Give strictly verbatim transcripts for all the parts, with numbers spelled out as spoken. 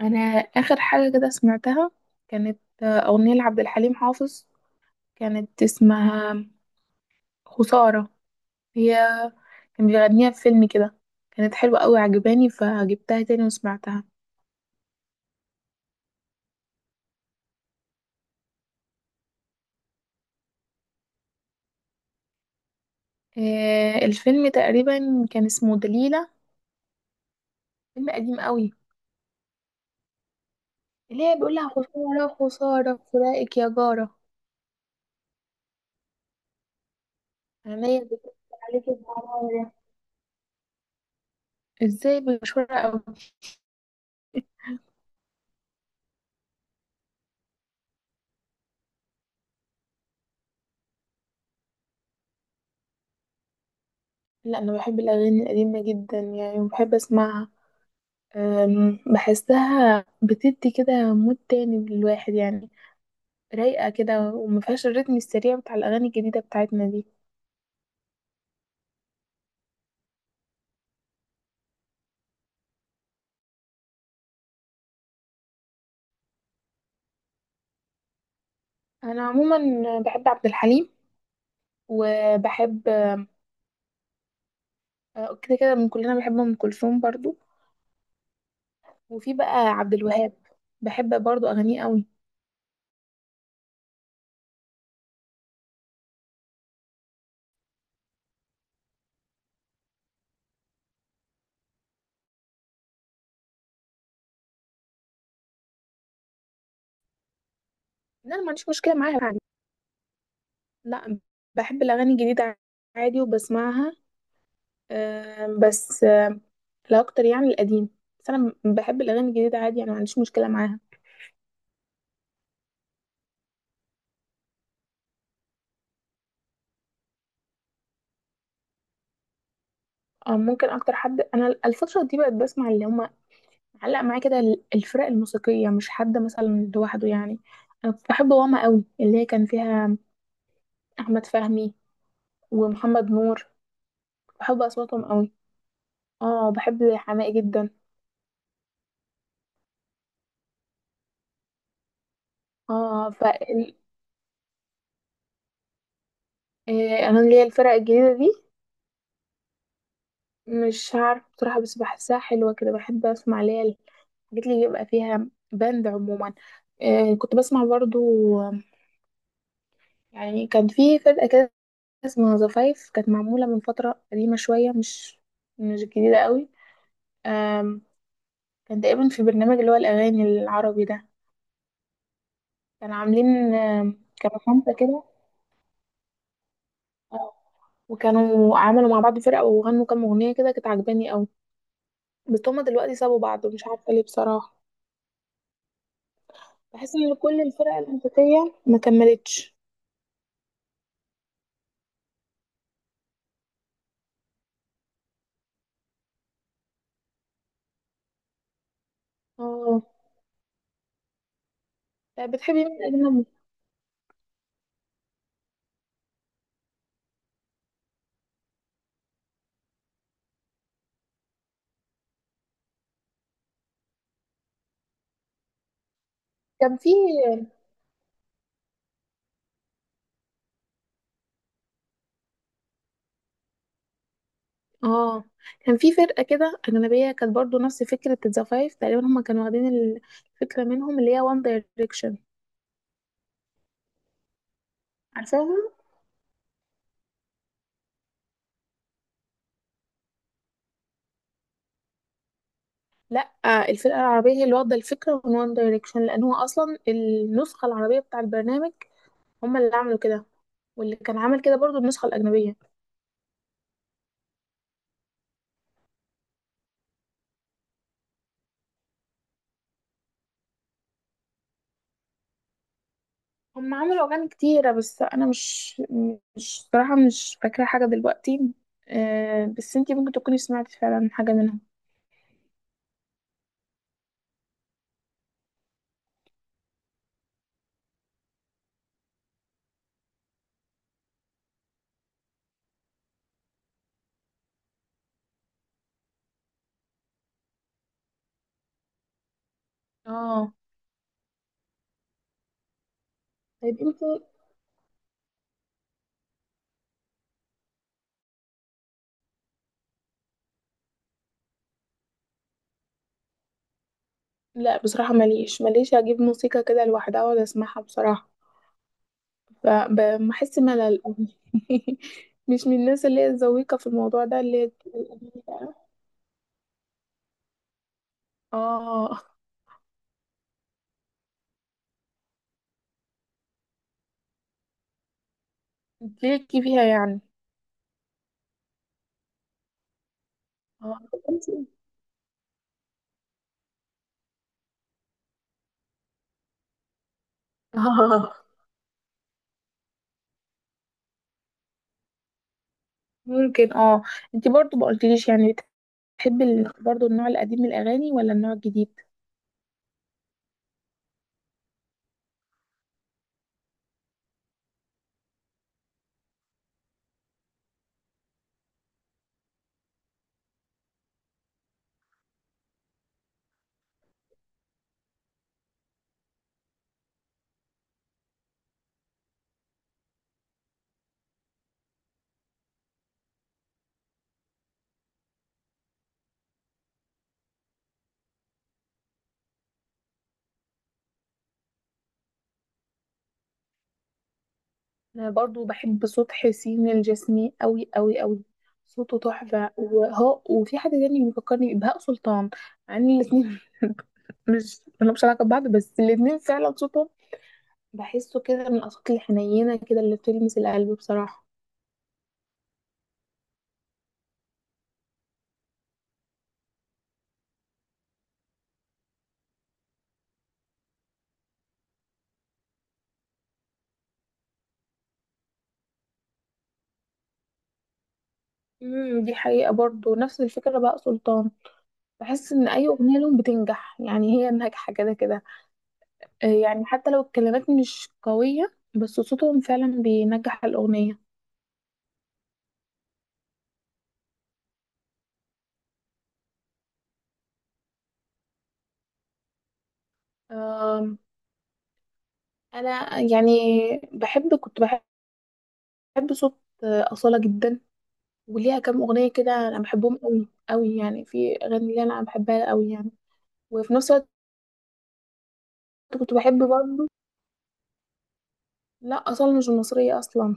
انا اخر حاجه كده سمعتها كانت آه، اغنيه لعبد الحليم حافظ. كانت اسمها خساره. هي كان بيغنيها في فيلم كده. كانت حلوه قوي عجباني فجبتها تاني وسمعتها. آه، الفيلم تقريبا كان اسمه دليله، فيلم قديم قوي. اللي هي بيقول لها خساره خساره فراقك يا جاره، عينيا بتقول عليكي بمرارة، ازاي بشوره قوي. لا، انا بحب الاغاني القديمه جدا يعني وبحب اسمعها. أم، بحسها بتدي كده مود تاني للواحد يعني، رايقة كده ومفيهاش الريتم السريع بتاع الأغاني الجديدة بتاعتنا دي. أنا عموما بحب عبد الحليم، وبحب أه، كده كده من كلنا بحب أم كلثوم برضو، وفي بقى عبد الوهاب بحب برضو أغانيه قوي. لا، أنا ما عنديش مشكلة معاها يعني. لا، بحب الأغاني الجديدة عادي وبسمعها. أم، بس أم، لا أكتر يعني القديم. بس أنا بحب الأغاني الجديدة عادي يعني ما عنديش مشكلة معاها. آه، ممكن اكتر حد انا الفتره دي بقت بسمع اللي هم علق معايا كده ال- الفرق الموسيقيه، مش حد مثلا لوحده يعني. انا كنت بحب واما قوي اللي هي كان فيها احمد فهمي ومحمد نور، بحب اصواتهم قوي. اه، بحب حماقي جدا. اه ف ال- آه، انا اللي هي الفرق الجديده دي، مش عارفه بصراحه بس بحسها حلوه كده، بحب اسمع اللي هي الحاجات اللي بيبقى فيها باند عموما. آه، كنت بسمع برضو، آه، يعني كان في فرقه كده اسمها زفايف، كانت معمولة من فترة قديمة شوية، مش مش جديدة قوي. آم، كان تقريبا في برنامج اللي هو الأغاني العربي ده، كانوا عاملين، آم، كانوا خمسة كده. آه، وكانوا عملوا مع بعض فرقة وغنوا كام أغنية كده كانت عجباني قوي. بس هما دلوقتي سابوا بعض ومش عارفة ليه بصراحة. بحس إن كل الفرق الموسيقية ما كملتش. اه. طب بتحبي مين أجنبي؟ كان في، اه، كان في فرقة كده أجنبية كانت برضو نفس فكرة ذا فايف تقريبا، هما كانوا واخدين الفكرة منهم اللي هي وان دايركشن. عارفاهم؟ لا، الفرقة العربية هي اللي واخدة الفكرة من وان دايركشن، لأن هو أصلا النسخة العربية بتاع البرنامج. هما اللي عملوا كده، واللي كان عمل كده برضو النسخة الأجنبية. هما عملوا أغاني كتيرة بس أنا مش مش صراحة مش فاكرة حاجة دلوقتي. آه، بس انتي ممكن تكوني سمعتي فعلا حاجة منهم. اه. طيب انتي، لا بصراحة ماليش ماليش اجيب موسيقى كده لوحدها واقعد اسمعها بصراحة، فبحس ملل أوي. مش من الناس اللي هي الذويقة في الموضوع ده اللي هي بتجيب الأغاني بقى. اه، ليكي فيها يعني. اه. آه، ممكن اه. انت برضو ما قلتليش يعني، بتحبي ال- برضو النوع القديم من الاغاني ولا النوع الجديد. انا برضو بحب صوت حسين الجسمي قوي قوي قوي، صوته تحفة. وهو وفي حد تاني بيفكرني، بهاء سلطان، مع ان الاتنين مش ملهمش علاقة ببعض، بس الاتنين فعلا صوتهم بحسه كده من الأصوات الحنينة كده اللي بتلمس القلب بصراحة. امم، دي حقيقة برضو. نفس الفكرة بقى سلطان، بحس إن أي أغنية لهم بتنجح، يعني هي ناجحة كده كده. آه، يعني حتى لو الكلمات مش قوية بس صوتهم فعلا بينجح الأغنية. آم، أنا يعني بحب كنت بحب صوت آه، أصالة جدا، وليها كام أغنية كده أنا بحبهم قوي قوي يعني، في أغاني اللي أنا بحبها قوي يعني. وفي نفس الوقت كنت بحب برضه، لا اصلا مش مصرية اصلا.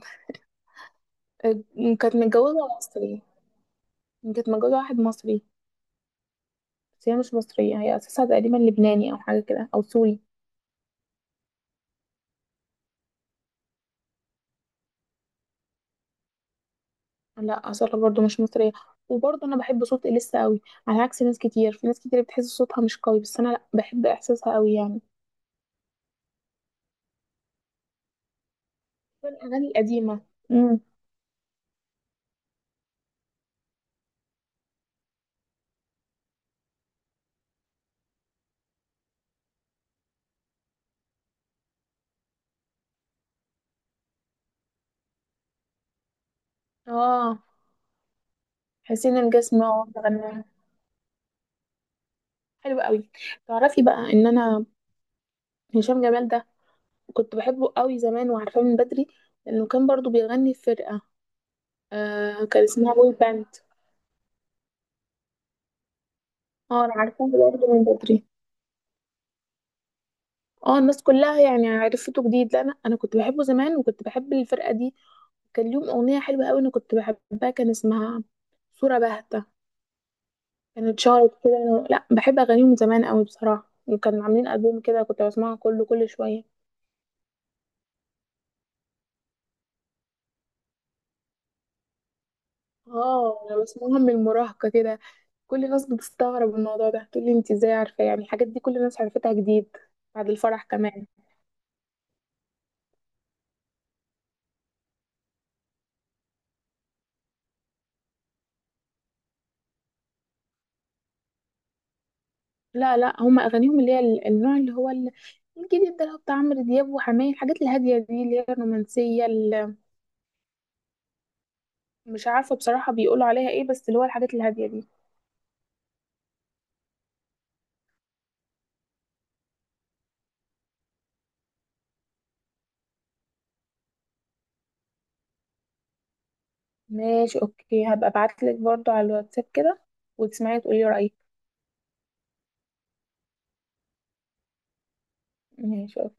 آه، كانت متجوزة مصري، كانت متجوزة واحد مصري، بس هي مش مصرية، هي اساسها تقريبا لبناني او حاجة كده او سوري. لا اصلا برضو مش مصرية. وبرضه انا بحب صوت اليسا قوي، على عكس ناس كتير، في ناس كتير بتحس صوتها مش قوي، بس انا لا بحب احساسها قوي يعني. الاغاني القديمة. امم. اه، حسين الجسم اه غناها حلو قوي. تعرفي بقى ان انا هشام جمال ده كنت بحبه قوي زمان وعارفاه من بدري، لانه كان برضو بيغني في فرقة. آه، كان اسمها بوي باند. اه، انا عارفاه برضه من بدري. اه، الناس كلها يعني عرفته جديد، لا انا، انا كنت بحبه زمان وكنت بحب الفرقه دي. كان ليهم اغنيه حلوه قوي انا كنت بحبها، كان اسمها صوره باهته، كانت شهرت كده. أنا- لا بحب اغانيهم من زمان قوي بصراحه، وكانوا عاملين البوم كده كنت بسمعه كله كل شويه. اه انا بسمعهم من المراهقه كده. كل الناس بتستغرب الموضوع ده، تقول لي انت ازاي عارفه يعني الحاجات دي، كل الناس عرفتها جديد بعد الفرح كمان. لا لا، هم اغانيهم اللي هي ال- النوع اللي هو ال- الجديد ده، اللي هو بتاع عمرو دياب وحماية، الحاجات الهاديه دي اللي هي الرومانسيه، اللي مش عارفه بصراحه بيقولوا عليها ايه، بس اللي هو الحاجات الهاديه دي. ماشي، اوكي، هبقى ابعت لك برضو على الواتساب كده وتسمعي تقولي رايك. ماشي.